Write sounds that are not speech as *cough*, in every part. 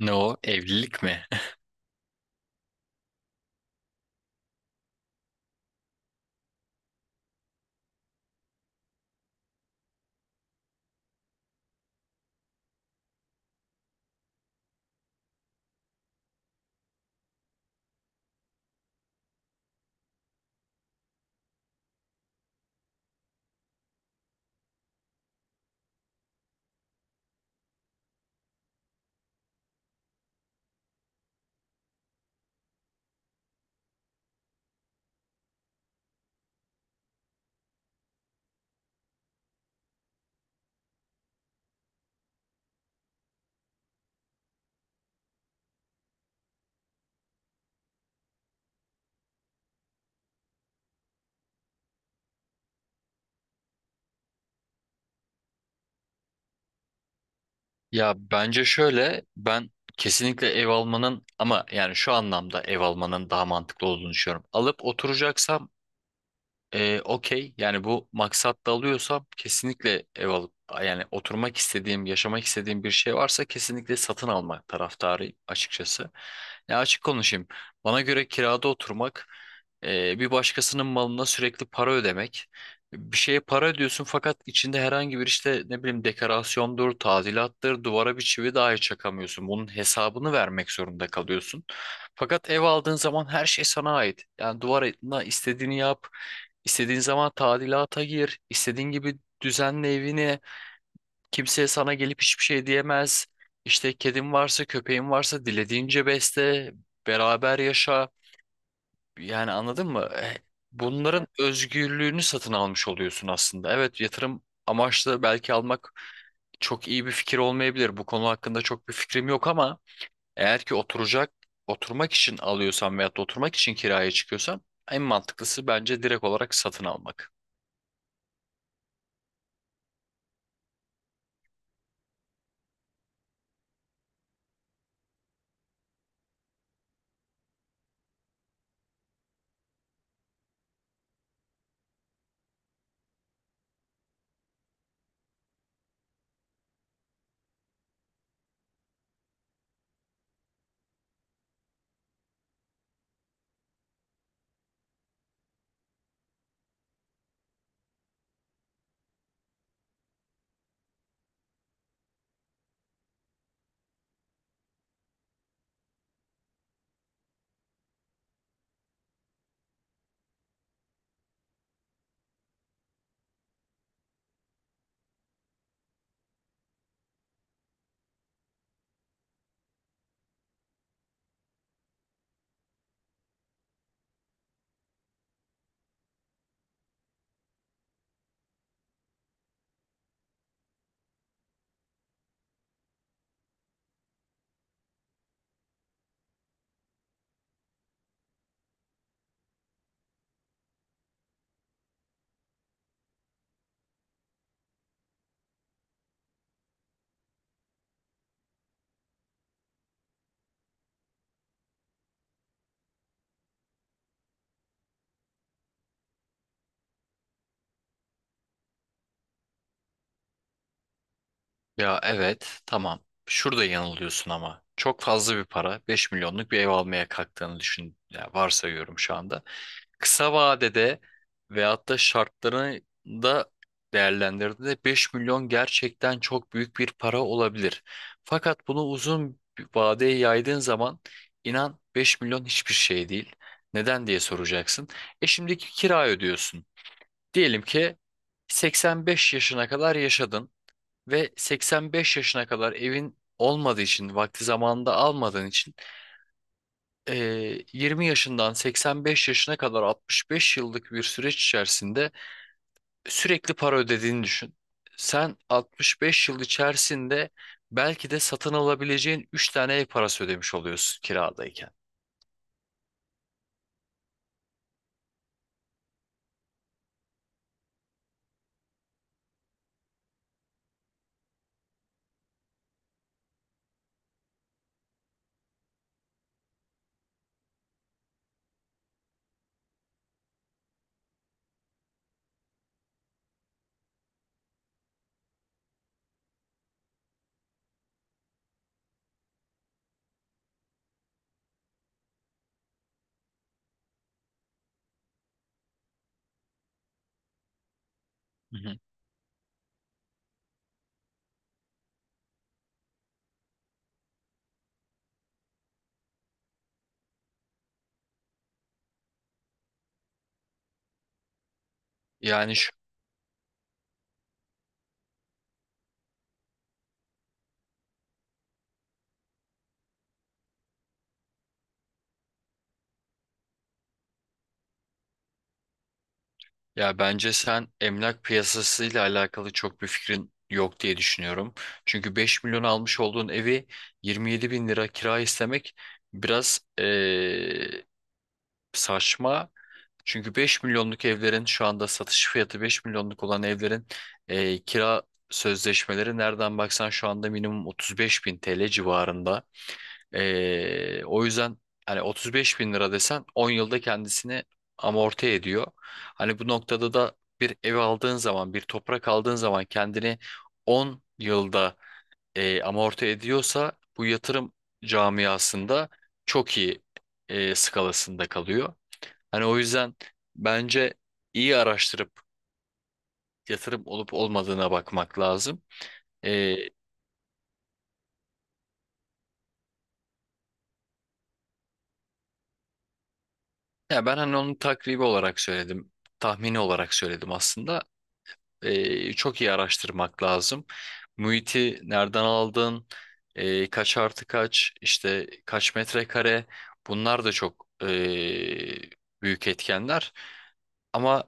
Ne o? Evlilik mi? *laughs* Ya bence şöyle, ben kesinlikle ev almanın, ama yani şu anlamda ev almanın daha mantıklı olduğunu düşünüyorum. Alıp oturacaksam, okey, yani bu maksatla alıyorsam kesinlikle ev alıp yani oturmak istediğim, yaşamak istediğim bir şey varsa kesinlikle satın alma taraftarıyım açıkçası. Ya açık konuşayım. Bana göre kirada oturmak bir başkasının malına sürekli para ödemek. Bir şeye para ödüyorsun fakat içinde herhangi bir işte ne bileyim dekorasyondur, tadilattır, duvara bir çivi dahi çakamıyorsun. Bunun hesabını vermek zorunda kalıyorsun. Fakat ev aldığın zaman her şey sana ait. Yani duvarına istediğini yap. İstediğin zaman tadilata gir, istediğin gibi düzenle evini. Kimseye sana gelip hiçbir şey diyemez. İşte kedin varsa, köpeğin varsa dilediğince besle, beraber yaşa. Yani anladın mı? Bunların özgürlüğünü satın almış oluyorsun aslında. Evet, yatırım amaçlı belki almak çok iyi bir fikir olmayabilir. Bu konu hakkında çok bir fikrim yok ama eğer ki oturacak, oturmak için alıyorsan veyahut da oturmak için kiraya çıkıyorsan en mantıklısı bence direkt olarak satın almak. Ya evet, tamam. Şurada yanılıyorsun ama. Çok fazla bir para. 5 milyonluk bir ev almaya kalktığını düşün. Ya, varsayıyorum şu anda. Kısa vadede veyahut da şartlarını da değerlendirdiğinde 5 milyon gerçekten çok büyük bir para olabilir. Fakat bunu uzun bir vadeye yaydığın zaman inan 5 milyon hiçbir şey değil. Neden diye soracaksın. E, şimdiki kira ödüyorsun. Diyelim ki 85 yaşına kadar yaşadın. Ve 85 yaşına kadar evin olmadığı için, vakti zamanında almadığın için, 20 yaşından 85 yaşına kadar 65 yıllık bir süreç içerisinde sürekli para ödediğini düşün. Sen 65 yıl içerisinde belki de satın alabileceğin 3 tane ev parası ödemiş oluyorsun kiradayken. Hı hı. Yani şu Ya bence sen emlak piyasasıyla alakalı çok bir fikrin yok diye düşünüyorum. Çünkü 5 milyon almış olduğun evi 27 bin lira kira istemek biraz saçma. Çünkü 5 milyonluk evlerin şu anda satış fiyatı, 5 milyonluk olan evlerin kira sözleşmeleri nereden baksan şu anda minimum 35 bin TL civarında. O yüzden hani 35 bin lira desen 10 yılda kendisini amorti ediyor. Hani bu noktada da bir ev aldığın zaman, bir toprak aldığın zaman kendini 10 yılda amorti ediyorsa bu yatırım camiasında çok iyi skalasında kalıyor. Hani o yüzden bence iyi araştırıp yatırım olup olmadığına bakmak lazım. Ee, Ya ben hani onun takribi olarak söyledim, tahmini olarak söyledim aslında. Çok iyi araştırmak lazım. Muhiti nereden aldın? E, kaç artı kaç? İşte kaç metrekare? Bunlar da çok büyük etkenler. Ama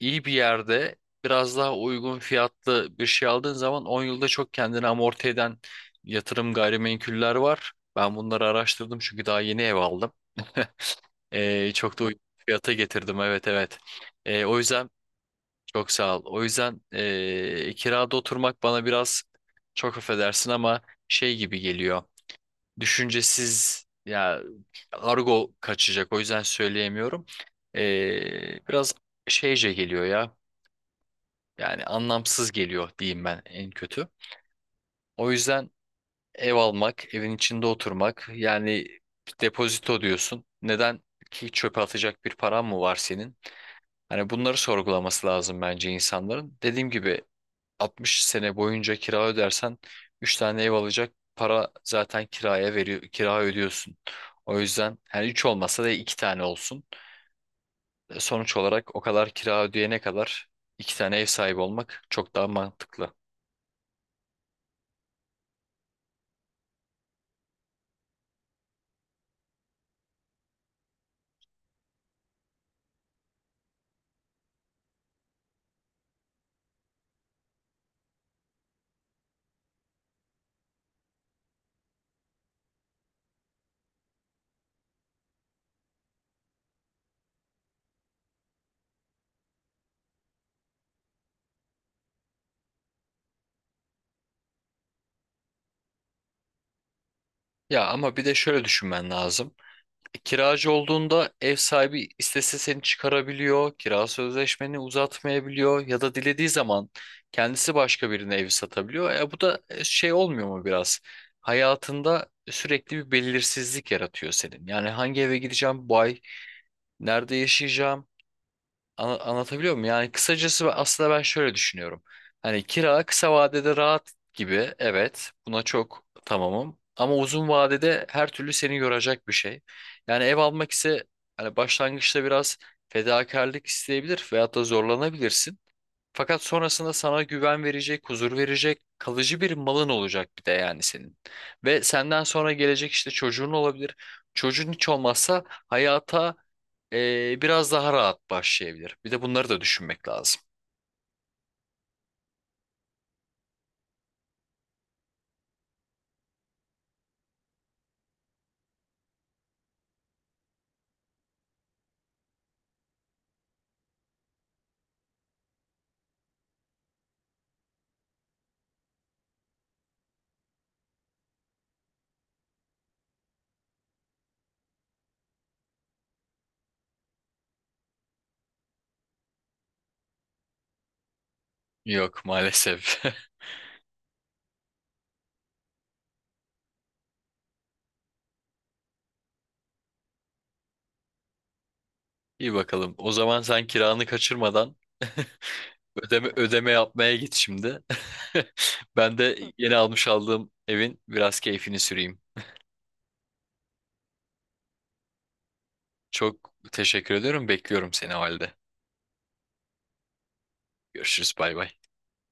iyi bir yerde biraz daha uygun fiyatlı bir şey aldığın zaman 10 yılda çok kendini amorti eden yatırım gayrimenkuller var. Ben bunları araştırdım çünkü daha yeni ev aldım. E, çok da uygun fiyata getirdim, evet evet. E, o yüzden çok sağ ol. O yüzden kirada oturmak bana biraz, çok affedersin ama, şey gibi geliyor. Düşüncesiz ya, argo kaçacak. O yüzden söyleyemiyorum. Biraz şeyce geliyor ya. Yani anlamsız geliyor diyeyim ben en kötü. O yüzden ev almak, evin içinde oturmak yani. Depozito diyorsun. Neden ki, çöpe atacak bir paran mı var senin? Hani bunları sorgulaması lazım bence insanların. Dediğim gibi 60 sene boyunca kira ödersen 3 tane ev alacak para zaten kiraya veriyor, kira ödüyorsun. O yüzden hani 3 olmasa da 2 tane olsun. Sonuç olarak o kadar kira ödeyene kadar 2 tane ev sahibi olmak çok daha mantıklı. Ya ama bir de şöyle düşünmen lazım. Kiracı olduğunda ev sahibi istese seni çıkarabiliyor, kira sözleşmeni uzatmayabiliyor ya da dilediği zaman kendisi başka birine evi satabiliyor. E, bu da şey olmuyor mu biraz? Hayatında sürekli bir belirsizlik yaratıyor senin. Yani hangi eve gideceğim bu ay, nerede yaşayacağım, anlatabiliyor muyum? Yani kısacası aslında ben şöyle düşünüyorum. Hani kira kısa vadede rahat gibi. Evet, buna çok tamamım. Ama uzun vadede her türlü seni yoracak bir şey. Yani ev almak ise hani başlangıçta biraz fedakarlık isteyebilir veyahut da zorlanabilirsin. Fakat sonrasında sana güven verecek, huzur verecek, kalıcı bir malın olacak bir de yani senin. Ve senden sonra gelecek işte çocuğun olabilir. Çocuğun hiç olmazsa hayata biraz daha rahat başlayabilir. Bir de bunları da düşünmek lazım. Yok maalesef. *laughs* İyi bakalım. O zaman sen kiranı kaçırmadan *laughs* ödeme yapmaya git şimdi. *laughs* Ben de yeni aldığım evin biraz keyfini süreyim. Çok teşekkür ediyorum. Bekliyorum seni o halde. Görüşürüz. Bay bay.